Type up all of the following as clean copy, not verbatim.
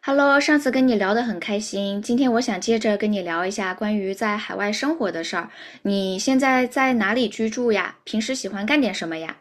Hello，上次跟你聊得很开心，今天我想接着跟你聊一下关于在海外生活的事儿。你现在在哪里居住呀？平时喜欢干点什么呀？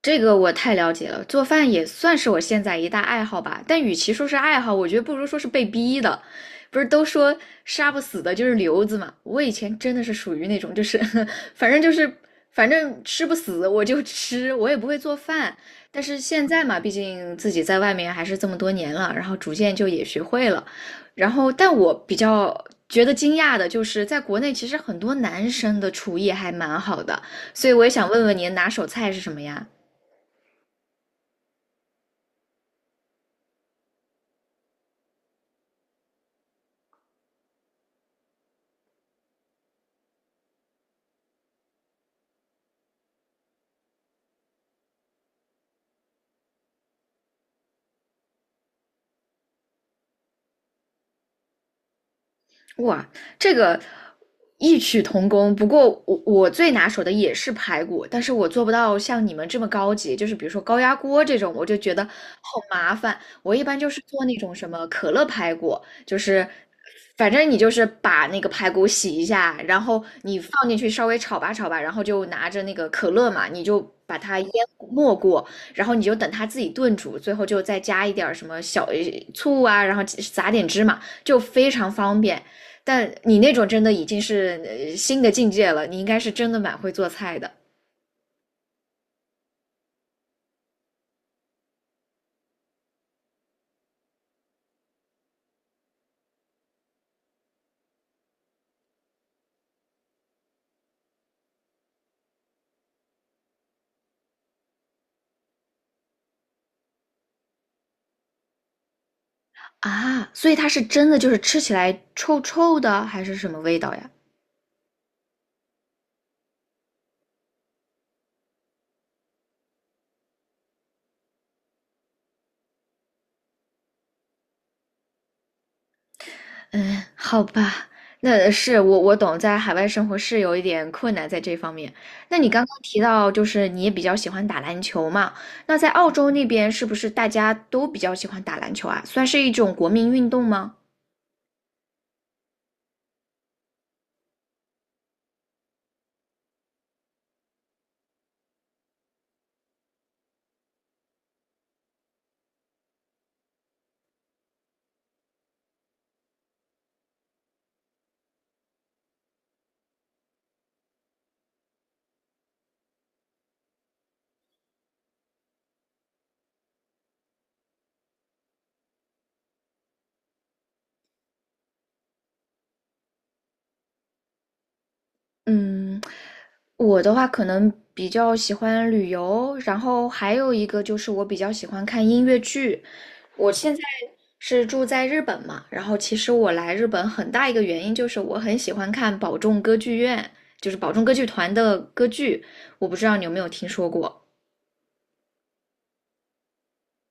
这个我太了解了，做饭也算是我现在一大爱好吧。但与其说是爱好，我觉得不如说是被逼的。不是都说杀不死的就是瘤子嘛？我以前真的是属于那种，就是 反正就是反正吃不死我就吃，我也不会做饭。但是现在嘛，毕竟自己在外面还是这么多年了，然后逐渐就也学会了。然后，但我比较觉得惊讶的就是，在国内其实很多男生的厨艺还蛮好的，所以我也想问问您拿手菜是什么呀？哇，这个异曲同工。不过我最拿手的也是排骨，但是我做不到像你们这么高级，就是比如说高压锅这种，我就觉得好麻烦。我一般就是做那种什么可乐排骨，就是反正你就是把那个排骨洗一下，然后你放进去稍微炒吧炒吧，然后就拿着那个可乐嘛，你就把它淹没过，然后你就等它自己炖煮，最后就再加一点儿什么小醋啊，然后撒点芝麻，就非常方便。但你那种真的已经是新的境界了，你应该是真的蛮会做菜的啊，所以它是真的就是吃起来臭臭的，还是什么味道呀？嗯，好吧，那是我懂，在海外生活是有一点困难在这方面。那你刚刚提到，就是你也比较喜欢打篮球嘛？那在澳洲那边是不是大家都比较喜欢打篮球啊？算是一种国民运动吗？嗯，我的话可能比较喜欢旅游，然后还有一个就是我比较喜欢看音乐剧。我现在是住在日本嘛，然后其实我来日本很大一个原因就是我很喜欢看宝冢歌剧院，就是宝冢歌剧团的歌剧。我不知道你有没有听说过？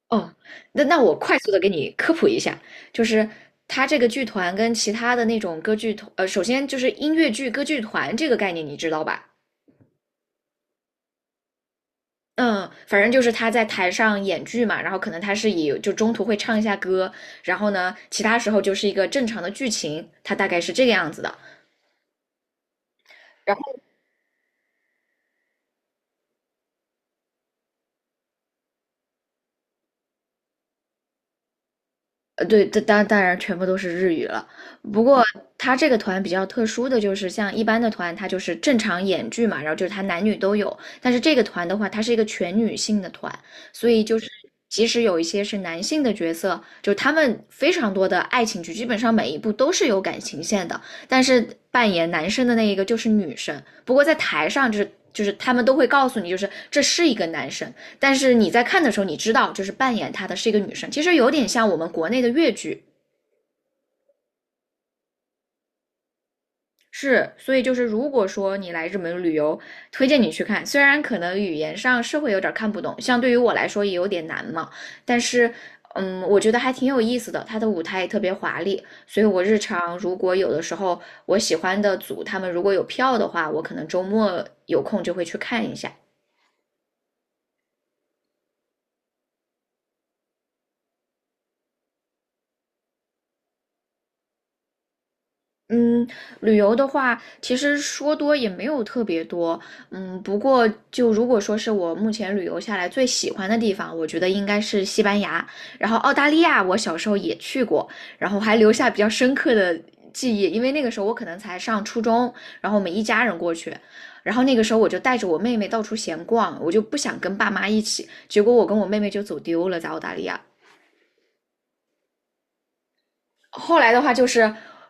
哦，那我快速的给你科普一下，就是它这个剧团跟其他的那种歌剧团，呃，首先就是音乐剧歌剧团这个概念你知道吧？嗯，反正就是他在台上演剧嘛，然后可能他是以就中途会唱一下歌，然后呢，其他时候就是一个正常的剧情，他大概是这个样子的。呃，对，当然全部都是日语了。不过他这个团比较特殊的就是，像一般的团，他就是正常演剧嘛，然后就是他男女都有。但是这个团的话，它是一个全女性的团，所以就是即使有一些是男性的角色，就他们非常多的爱情剧，基本上每一部都是有感情线的，但是扮演男生的那一个就是女生。不过在台上就是。就是他们都会告诉你，就是这是一个男生，但是你在看的时候，你知道就是扮演她的是一个女生，其实有点像我们国内的越剧。是，所以就是如果说你来日本旅游，推荐你去看，虽然可能语言上是会有点看不懂，像对于我来说也有点难嘛，但是。嗯，我觉得还挺有意思的，它的舞台也特别华丽，所以我日常如果有的时候我喜欢的组他们如果有票的话，我可能周末有空就会去看一下。嗯，旅游的话，其实说多也没有特别多。嗯，不过就如果说是我目前旅游下来最喜欢的地方，我觉得应该是西班牙。然后澳大利亚，我小时候也去过，然后还留下比较深刻的记忆，因为那个时候我可能才上初中，然后我们一家人过去，然后那个时候我就带着我妹妹到处闲逛，我就不想跟爸妈一起，结果我跟我妹妹就走丢了，在澳大利亚。后来的话就是，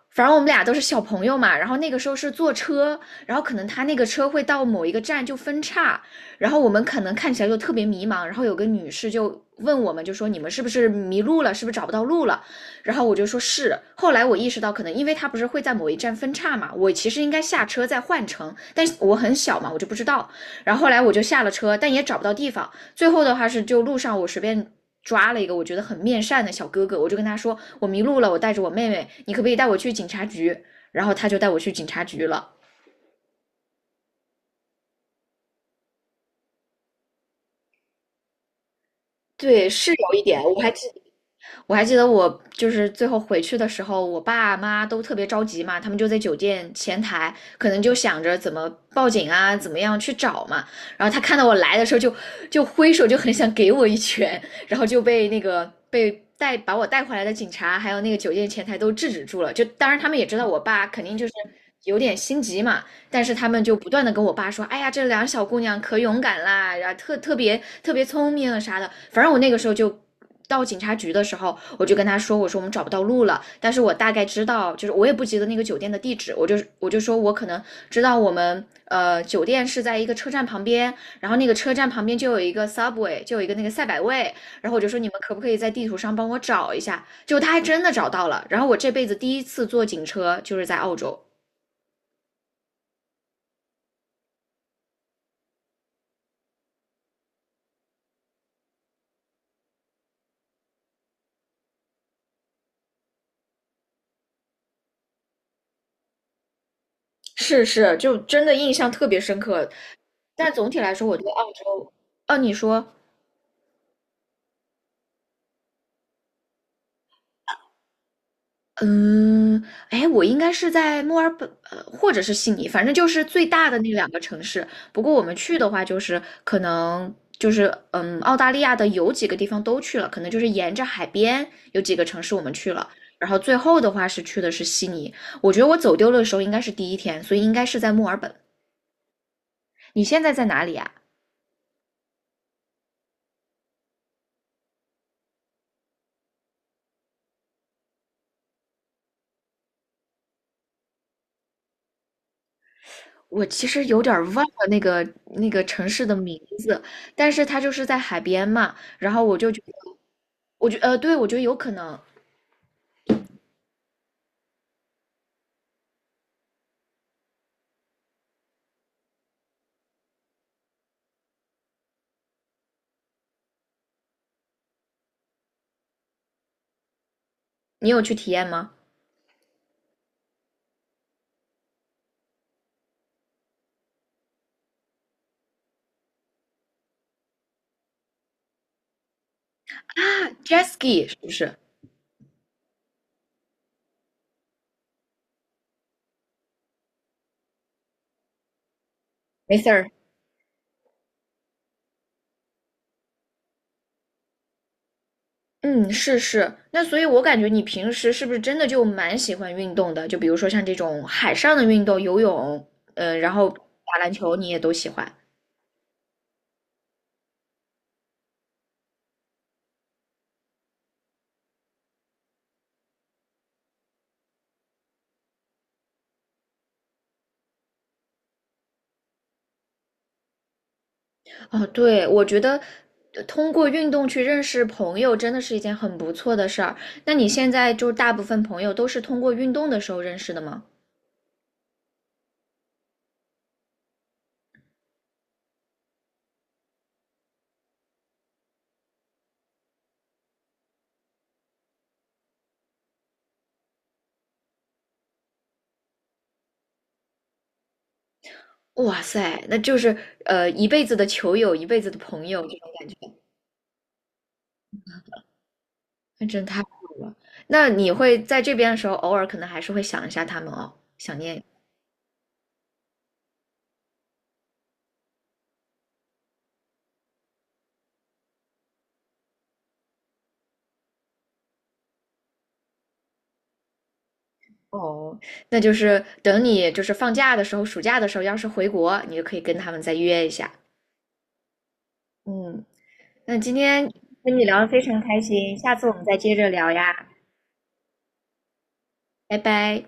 反正我们俩都是小朋友嘛，然后那个时候是坐车，然后可能他那个车会到某一个站就分叉，然后我们可能看起来就特别迷茫，然后有个女士就问我们，就说你们是不是迷路了，是不是找不到路了？然后我就说是。后来我意识到，可能因为他不是会在某一站分叉嘛，我其实应该下车再换乘，但是我很小嘛，我就不知道。然后后来我就下了车，但也找不到地方。最后的话是就路上我随便抓了一个我觉得很面善的小哥哥，我就跟他说我迷路了，我带着我妹妹，你可不可以带我去警察局？然后他就带我去警察局了。对，是有一点，我还记得我就是最后回去的时候，我爸妈都特别着急嘛，他们就在酒店前台，可能就想着怎么报警啊，怎么样去找嘛。然后他看到我来的时候就，就挥手，就很想给我一拳，然后就被把我带回来的警察，还有那个酒店前台都制止住了。就当然他们也知道我爸肯定就是有点心急嘛，但是他们就不断的跟我爸说，哎呀，这两个小姑娘可勇敢啦，然后特别聪明啊啥的。反正我那个时候就到警察局的时候，我就跟他说，我说我们找不到路了，但是我大概知道，就是我也不记得那个酒店的地址，我就说我可能知道我们酒店是在一个车站旁边，然后那个车站旁边就有一个 Subway，就有一个那个赛百味，然后我就说你们可不可以在地图上帮我找一下？就他还真的找到了，然后我这辈子第一次坐警车就是在澳洲。是是，就真的印象特别深刻。但总体来说，我对澳洲，啊，你说，嗯，哎，我应该是在墨尔本，呃，或者是悉尼，反正就是最大的那两个城市。不过我们去的话，就是可能就是，嗯，澳大利亚的有几个地方都去了，可能就是沿着海边有几个城市我们去了。然后最后的话是去的是悉尼。我觉得我走丢了的时候应该是第一天，所以应该是在墨尔本。你现在在哪里啊？我其实有点儿忘了那个那个城市的名字，但是它就是在海边嘛。然后我就觉得，对，我觉得有可能你有去体验吗？啊，jet ski 是不是？没事儿。嗯，是是。那所以，我感觉你平时是不是真的就蛮喜欢运动的？就比如说像这种海上的运动，游泳，然后打篮球，你也都喜欢。哦，对，我觉得通过运动去认识朋友真的是一件很不错的事儿。那你现在就是大部分朋友都是通过运动的时候认识的吗？哇塞，那就是一辈子的球友，一辈子的朋友这种感觉，那真太好了。那你会在这边的时候，偶尔可能还是会想一下他们哦，想念哦。那就是等你就是放假的时候，暑假的时候，要是回国，你就可以跟他们再约一下。嗯，那今天跟你聊得非常开心，下次我们再接着聊呀。拜拜